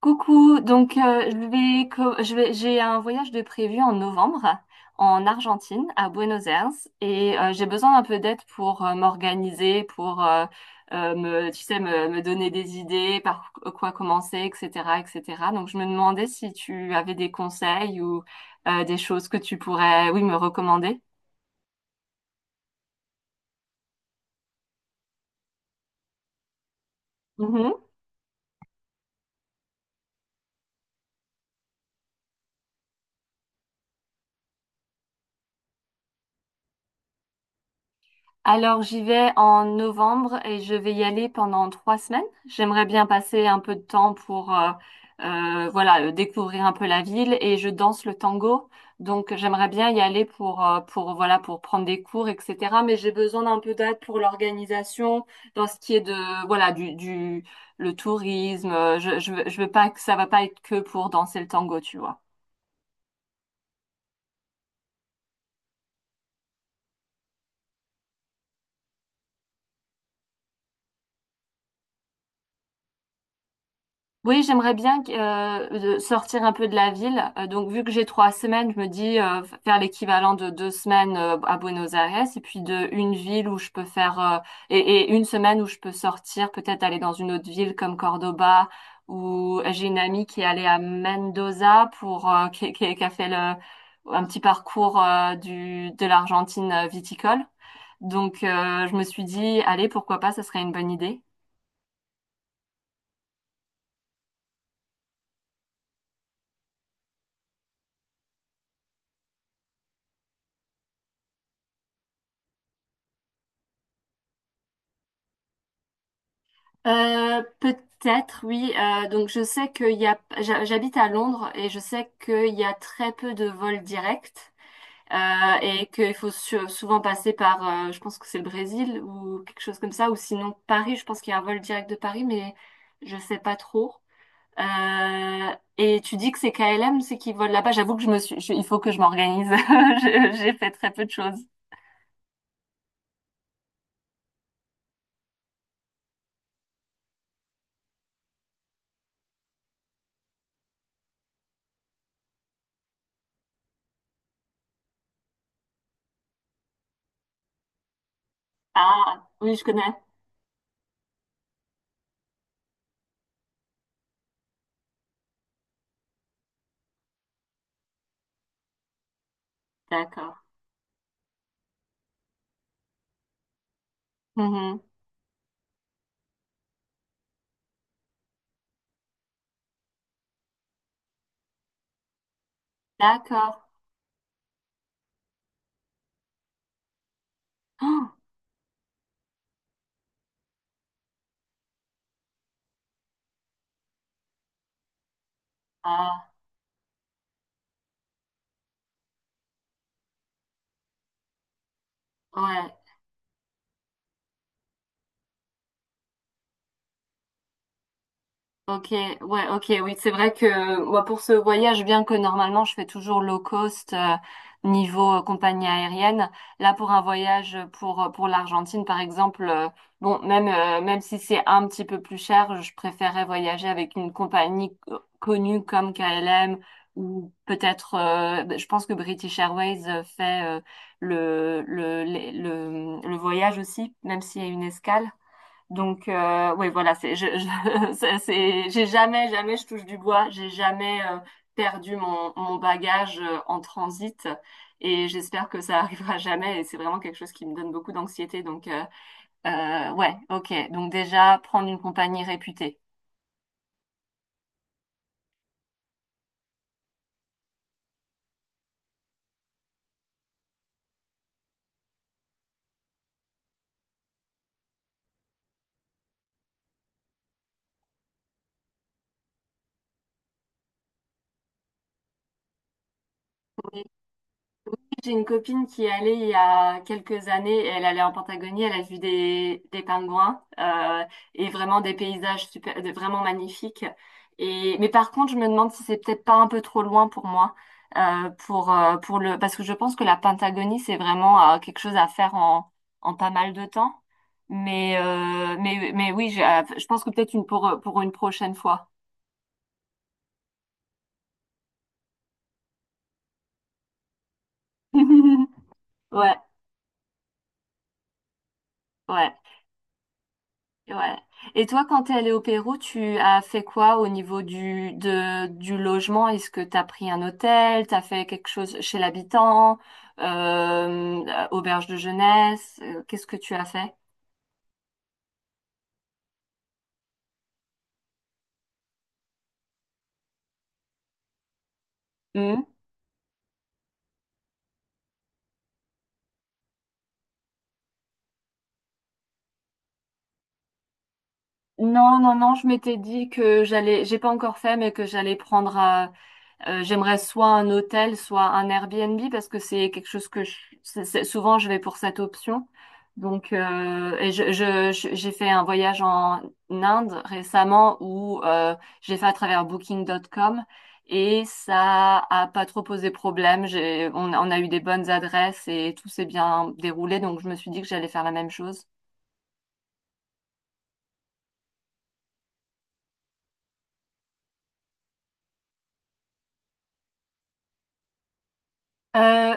Coucou, donc, je vais, co- je vais, j'ai un voyage de prévu en novembre en Argentine, à Buenos Aires. Et j'ai besoin d'un peu d'aide pour m'organiser, pour tu sais, me donner des idées, par quoi commencer, etc., etc. Donc je me demandais si tu avais des conseils ou des choses que tu pourrais, oui, me recommander. Alors, j'y vais en novembre et je vais y aller pendant 3 semaines. J'aimerais bien passer un peu de temps pour, voilà, découvrir un peu la ville et je danse le tango. Donc, j'aimerais bien y aller pour, voilà, pour prendre des cours, etc. Mais j'ai besoin d'un peu d'aide pour l'organisation, dans ce qui est de, voilà, le tourisme. Je veux pas que ça va pas être que pour danser le tango, tu vois. Oui, j'aimerais bien de sortir un peu de la ville. Donc, vu que j'ai 3 semaines, je me dis faire l'équivalent de 2 semaines à Buenos Aires et puis de une ville où je peux faire une semaine où je peux sortir, peut-être aller dans une autre ville comme Cordoba ou j'ai une amie qui est allée à Mendoza pour qui a fait un petit parcours du de l'Argentine viticole. Donc, je me suis dit, allez, pourquoi pas, ça serait une bonne idée. Peut-être, oui. Donc je sais qu'il y a, j'habite à Londres et je sais qu'il y a très peu de vols directs et qu'il faut souvent passer par, je pense que c'est le Brésil ou quelque chose comme ça, ou sinon Paris. Je pense qu'il y a un vol direct de Paris, mais je sais pas trop. Et tu dis que c'est KLM, c'est qui vole là-bas. J'avoue que je me suis, il faut que je m'organise. J'ai fait très peu de choses. Ah, oui, je connais. D'accord. Mhm. D'accord. Ah, ah, ouais. Ok, ouais, ok, oui, c'est vrai que moi pour ce voyage, bien que normalement je fais toujours low cost niveau compagnie aérienne, là pour un voyage pour l'Argentine par exemple, bon même si c'est un petit peu plus cher, je préférais voyager avec une compagnie connue comme KLM ou peut-être, je pense que British Airways fait le voyage aussi, même s'il y a une escale. Donc, oui, voilà, j'ai jamais, jamais, je touche du bois, j'ai jamais perdu mon bagage en transit, et j'espère que ça arrivera jamais et c'est vraiment quelque chose qui me donne beaucoup d'anxiété. Donc, ouais, ok. Donc déjà, prendre une compagnie réputée. J'ai une copine qui est allée il y a quelques années, elle allait en Patagonie, elle a vu des pingouins et vraiment des paysages super, vraiment magnifiques. Et, mais par contre, je me demande si c'est peut-être pas un peu trop loin pour moi, parce que je pense que la Patagonie, c'est vraiment quelque chose à faire en, pas mal de temps. Mais, mais oui, je pense que peut-être une pour une prochaine fois. Ouais, ouais. Ouais. Et toi, quand t'es allé au Pérou, tu as fait quoi au niveau du logement? Est-ce que t'as pris un hôtel? T'as fait quelque chose chez l'habitant? Auberge de jeunesse? Qu'est-ce que tu as fait? Hmm. Non, non, non, je m'étais dit que j'allais, j'ai pas encore fait, mais que j'allais prendre. J'aimerais soit un hôtel, soit un Airbnb parce que c'est quelque chose que souvent je vais pour cette option. Donc, j'ai fait un voyage en Inde récemment où j'ai fait à travers Booking.com et ça a pas trop posé problème. J'ai, on a eu des bonnes adresses et tout s'est bien déroulé. Donc, je me suis dit que j'allais faire la même chose. Euh,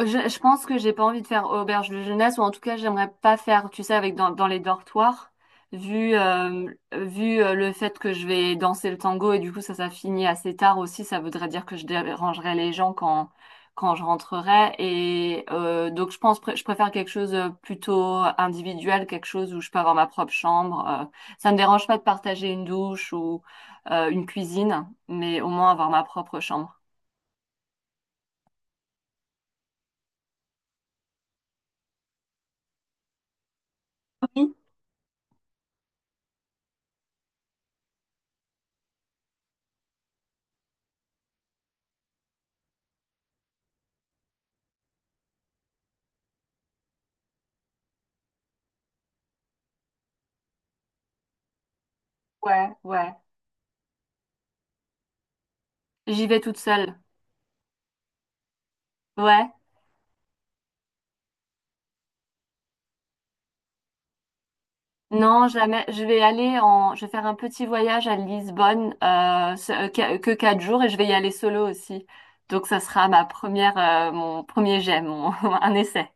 je pense que j'ai pas envie de faire auberge de jeunesse, ou en tout cas, j'aimerais pas faire, tu sais, avec dans les dortoirs, vu, vu le fait que je vais danser le tango et du coup, ça finit assez tard aussi. Ça voudrait dire que je dérangerais les gens quand, je rentrerai. Et donc, je pense, je préfère quelque chose plutôt individuel, quelque chose où je peux avoir ma propre chambre. Ça me dérange pas de partager une douche ou une cuisine, mais au moins avoir ma propre chambre. Oui, ouais, ouais. J'y vais toute seule. Ouais. Non, jamais. Je vais aller en. Je vais faire un petit voyage à Lisbonne, que 4 jours, et je vais y aller solo aussi. Donc, ça sera ma première, mon premier jet, mon un essai.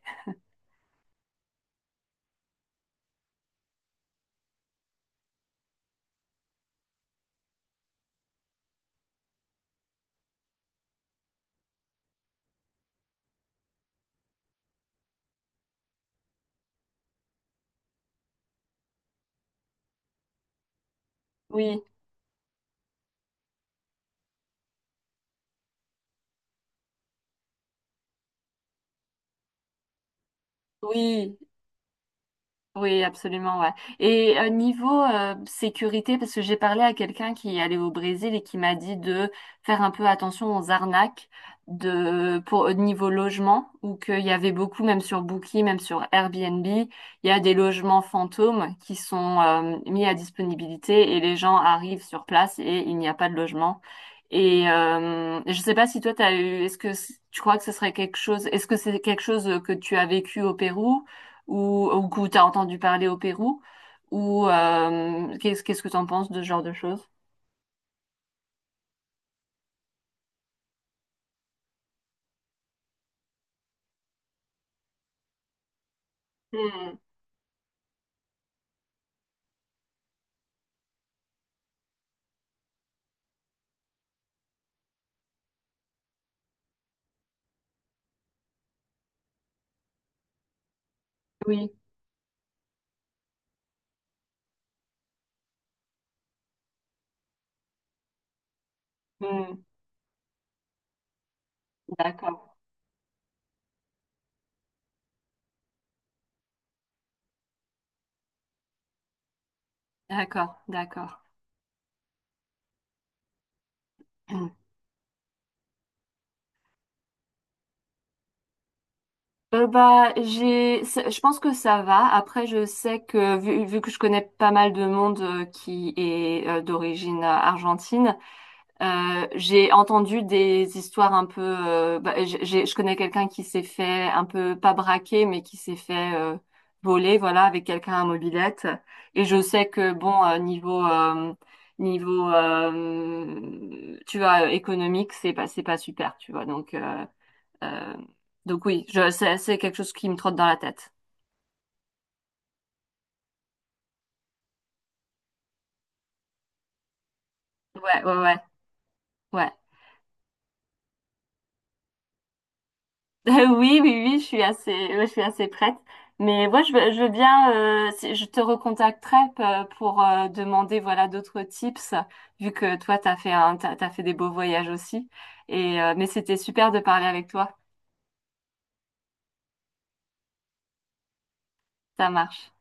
Oui, oui. Oui, absolument, ouais. Et niveau sécurité, parce que j'ai parlé à quelqu'un qui est allé au Brésil et qui m'a dit de faire un peu attention aux arnaques de pour au niveau logement, ou qu'il y avait beaucoup, même sur Booking, même sur Airbnb, il y a des logements fantômes qui sont mis à disponibilité et les gens arrivent sur place et il n'y a pas de logement. Et je sais pas si toi t'as eu, est-ce que tu crois que ce serait quelque chose, est-ce que c'est quelque chose que tu as vécu au Pérou? Ou que tu as entendu parler au Pérou, ou qu'est-ce que tu en penses de ce genre de choses? Hmm. Oui, hmm, d'accord, d'accord, d'accord. Hmm. Bah, je pense que ça va. Après, je sais que vu que je connais pas mal de monde qui est d'origine argentine. J'ai entendu des histoires un peu. Bah, je connais quelqu'un qui s'est fait un peu pas braquer, mais qui s'est fait voler, voilà, avec quelqu'un à mobylette. Et je sais que bon, niveau, tu vois, économique, c'est pas super, tu vois. Euh, donc oui, c'est quelque chose qui me trotte dans la tête. Ouais, ouais, ouais, ouais. Oui, oui, oui, je suis assez, ouais, je suis assez prête. Mais moi, je veux bien, je te recontacterai pour demander voilà d'autres tips, vu que toi, t'as fait des beaux voyages aussi. Et mais c'était super de parler avec toi. Ça marche.